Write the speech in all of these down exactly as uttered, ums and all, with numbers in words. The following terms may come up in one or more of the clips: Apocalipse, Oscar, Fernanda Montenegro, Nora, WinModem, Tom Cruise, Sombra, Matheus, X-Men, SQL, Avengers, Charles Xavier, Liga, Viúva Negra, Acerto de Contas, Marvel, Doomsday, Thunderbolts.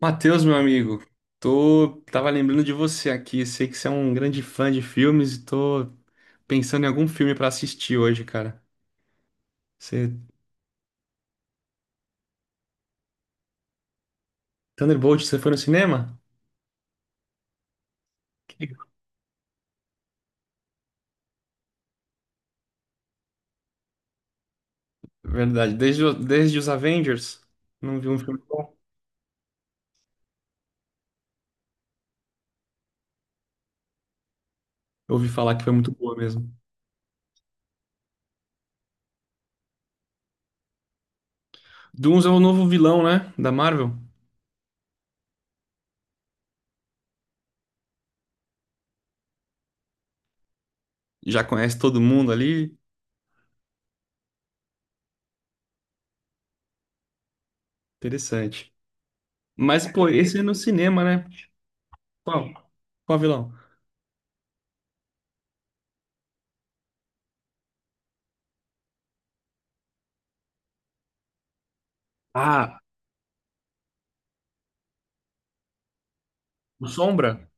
Matheus, meu amigo, tô tava lembrando de você aqui. Sei que você é um grande fã de filmes e tô pensando em algum filme pra assistir hoje, cara. Você Thunderbolt, você foi no cinema? Que- legal. Verdade. Desde, o- desde os Avengers, não vi um filme bom. Eu ouvi falar que foi muito boa mesmo. Doomsday é o novo vilão, né, da Marvel. Já conhece todo mundo ali. Interessante. Mas pô, esse é no cinema, né? Qual? Qual vilão? Ah, o Sombra,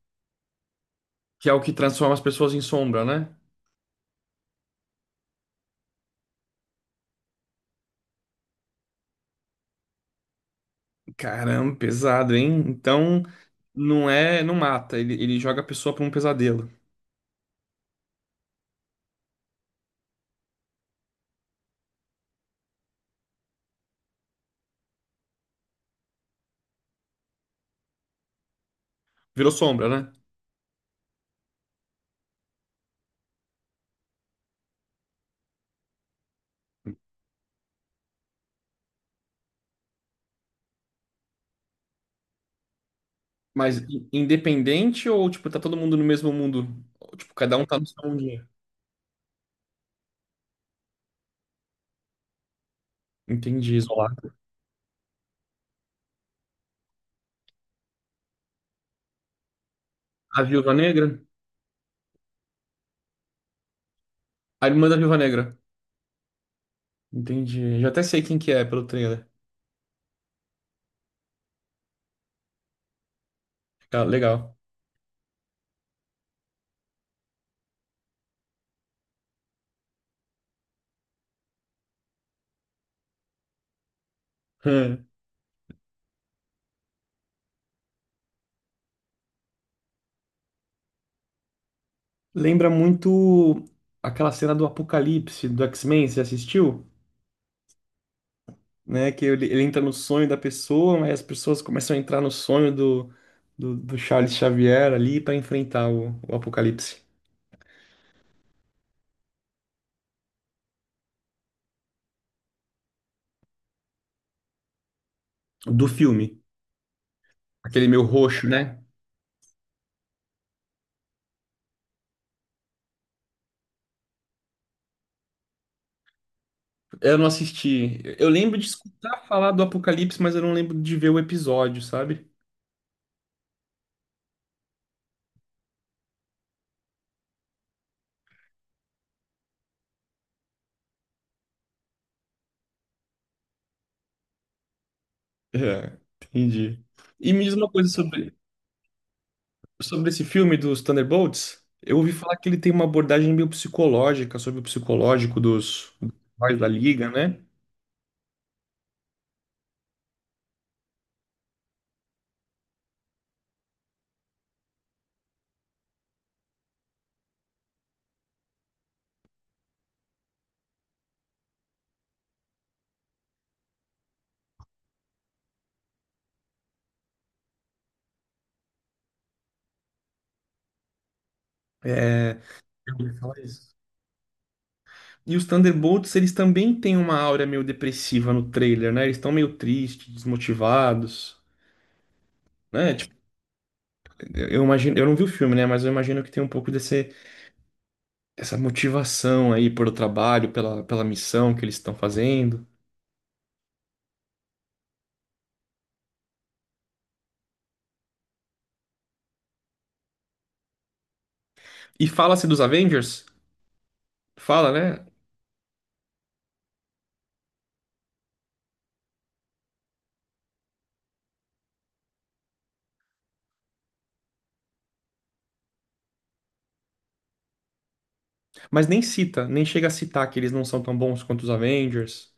que é o que transforma as pessoas em sombra, né? Caramba, pesado, hein? Então não é, não mata, ele, ele joga a pessoa pra um pesadelo. Virou sombra, né? Mas i- independente, ou tipo tá todo mundo no mesmo mundo? Ou, tipo, cada um tá no seu mundinho. Entendi, isolado. A Viúva Negra? A irmã da Viúva Negra. Entendi. Já até sei quem que é pelo trailer. Ah, legal. Hum. Lembra muito aquela cena do Apocalipse do X-Men, você assistiu? Né? Que ele, ele entra no sonho da pessoa, mas as pessoas começam a entrar no sonho do, do, do Charles Xavier ali para enfrentar o, o apocalipse do filme. Aquele meu roxo, né? Eu não assisti. Eu lembro de escutar falar do apocalipse, mas eu não lembro de ver o episódio, sabe? É, entendi. E me diz uma coisa sobre, sobre esse filme dos Thunderbolts. Eu ouvi falar que ele tem uma abordagem meio psicológica sobre o psicológico dos dos heróis da Liga, né? É, eu ouvi falar isso. E os Thunderbolts, eles também têm uma aura meio depressiva no trailer, né? Eles estão meio tristes, desmotivados, né? Tipo, eu eu imagino, eu não vi o filme, né? Mas eu imagino que tem um pouco desse, essa motivação aí pelo trabalho, pela, pela missão que eles estão fazendo. E fala-se dos Avengers, fala, né? Mas nem cita, nem chega a citar que eles não são tão bons quanto os Avengers.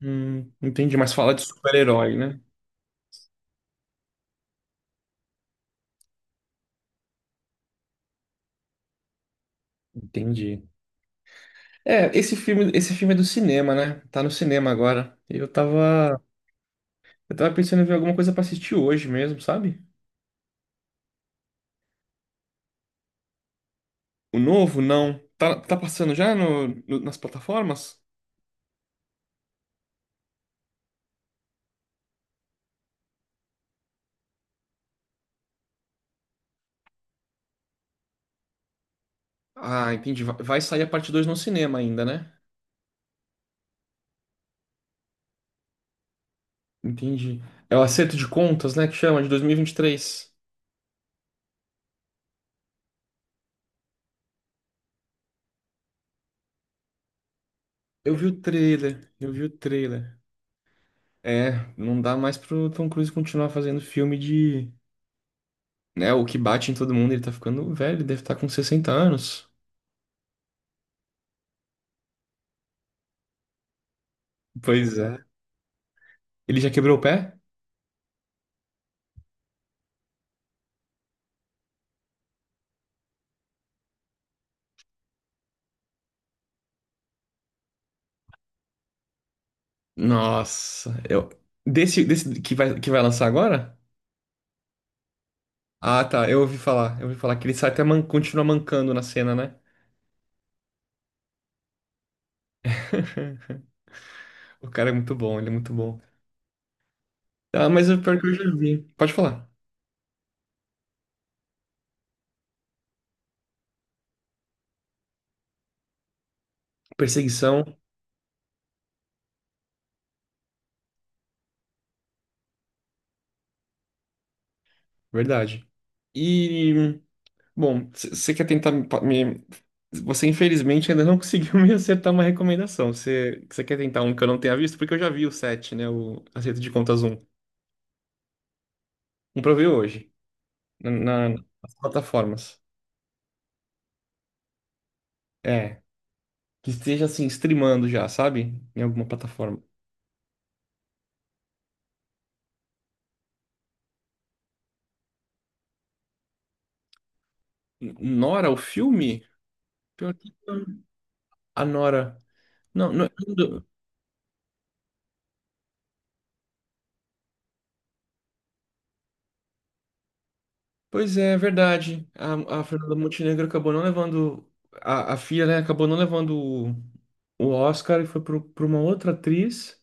Hum, entendi, mas fala de super-herói, né? Entendi. É, esse filme, esse filme é do cinema, né? Tá no cinema agora. Eu tava Eu tava pensando em ver alguma coisa pra assistir hoje mesmo, sabe? O novo, não. Tá, tá passando já no, no- nas plataformas? Ah, entendi. Va- Vai sair a parte dois no cinema ainda, né? Entendi. É o acerto de contas, né? Que chama, de dois mil e e vinte e três. Eu vi o trailer, eu vi o trailer. É, não dá mais pro Tom Cruise continuar fazendo filme de... Né, o que bate em todo mundo, ele tá ficando velho, ele deve estar com sessenta anos. Pois é. Ele já quebrou o pé? Nossa, eu... Desse, desse que vai, que vai lançar agora? Ah, tá. Eu ouvi falar. Eu ouvi falar que ele sai até man... continua mancando na cena, né? O cara é muito bom, ele é muito bom. Ah, mas o pior que eu já vi. Pode falar. Perseguição, verdade. E, bom, você quer tentar me, pa- me- Você, infelizmente, ainda não conseguiu me acertar uma recomendação. Você quer tentar um que eu não tenha visto? Porque eu já vi o sete, né? O Acerto de Contas um. Um pra eu ver hoje, na, na- nas plataformas. É, que esteja, assim, streamando já, sabe? Em alguma plataforma. N- Nora, o filme? Pior que não. A Nora. Não, não- não deu. Pois é, é verdade. A, a Fernanda Montenegro acabou não levando. A, a filha, né? Acabou não levando o, o Oscar, e foi para uma outra atriz.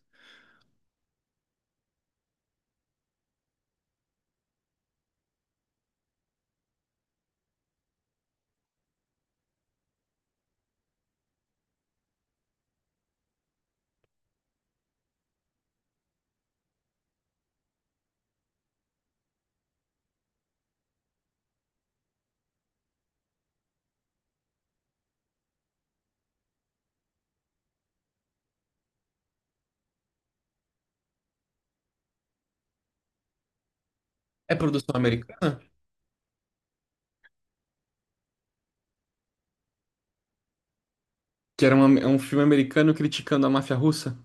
É produção americana? Que era uma- é um filme americano criticando a máfia russa?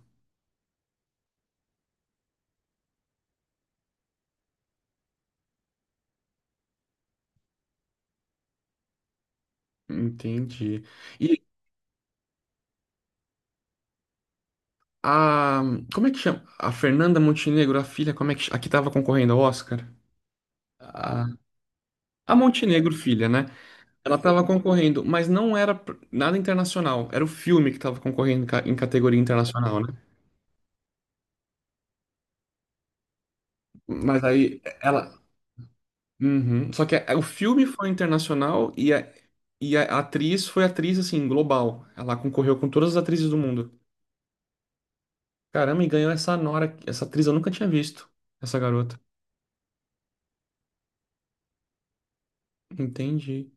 Entendi. E a. Como é que chama? A Fernanda Montenegro, a filha, como é que. ch- A que tava concorrendo ao Oscar? A, a Montenegro, filha, né? Ela estava concorrendo, mas não era pr- nada internacional. Era o filme que estava concorrendo em ca- em categoria internacional, né? Mas aí ela. Uhum. Só que a- o filme foi internacional e a, e a atriz foi atriz, assim, global. Ela concorreu com todas as atrizes do mundo. Caramba, e ganhou essa Nora. Essa atriz eu nunca tinha visto. Essa garota. Entendi.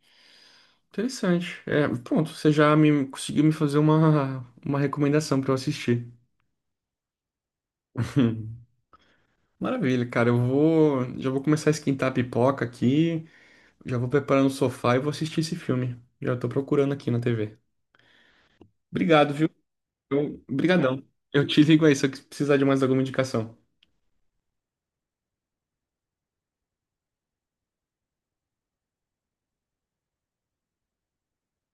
Interessante. É, pronto, você já me conseguiu me fazer uma, uma recomendação para eu assistir. Maravilha, cara. Eu vou. Já vou começar a esquentar a pipoca aqui. Já vou preparando o sofá e vou assistir esse filme. Já tô procurando aqui na T V. Obrigado, viu? Eu, brigadão. Eu te ligo aí se eu precisar de mais alguma indicação.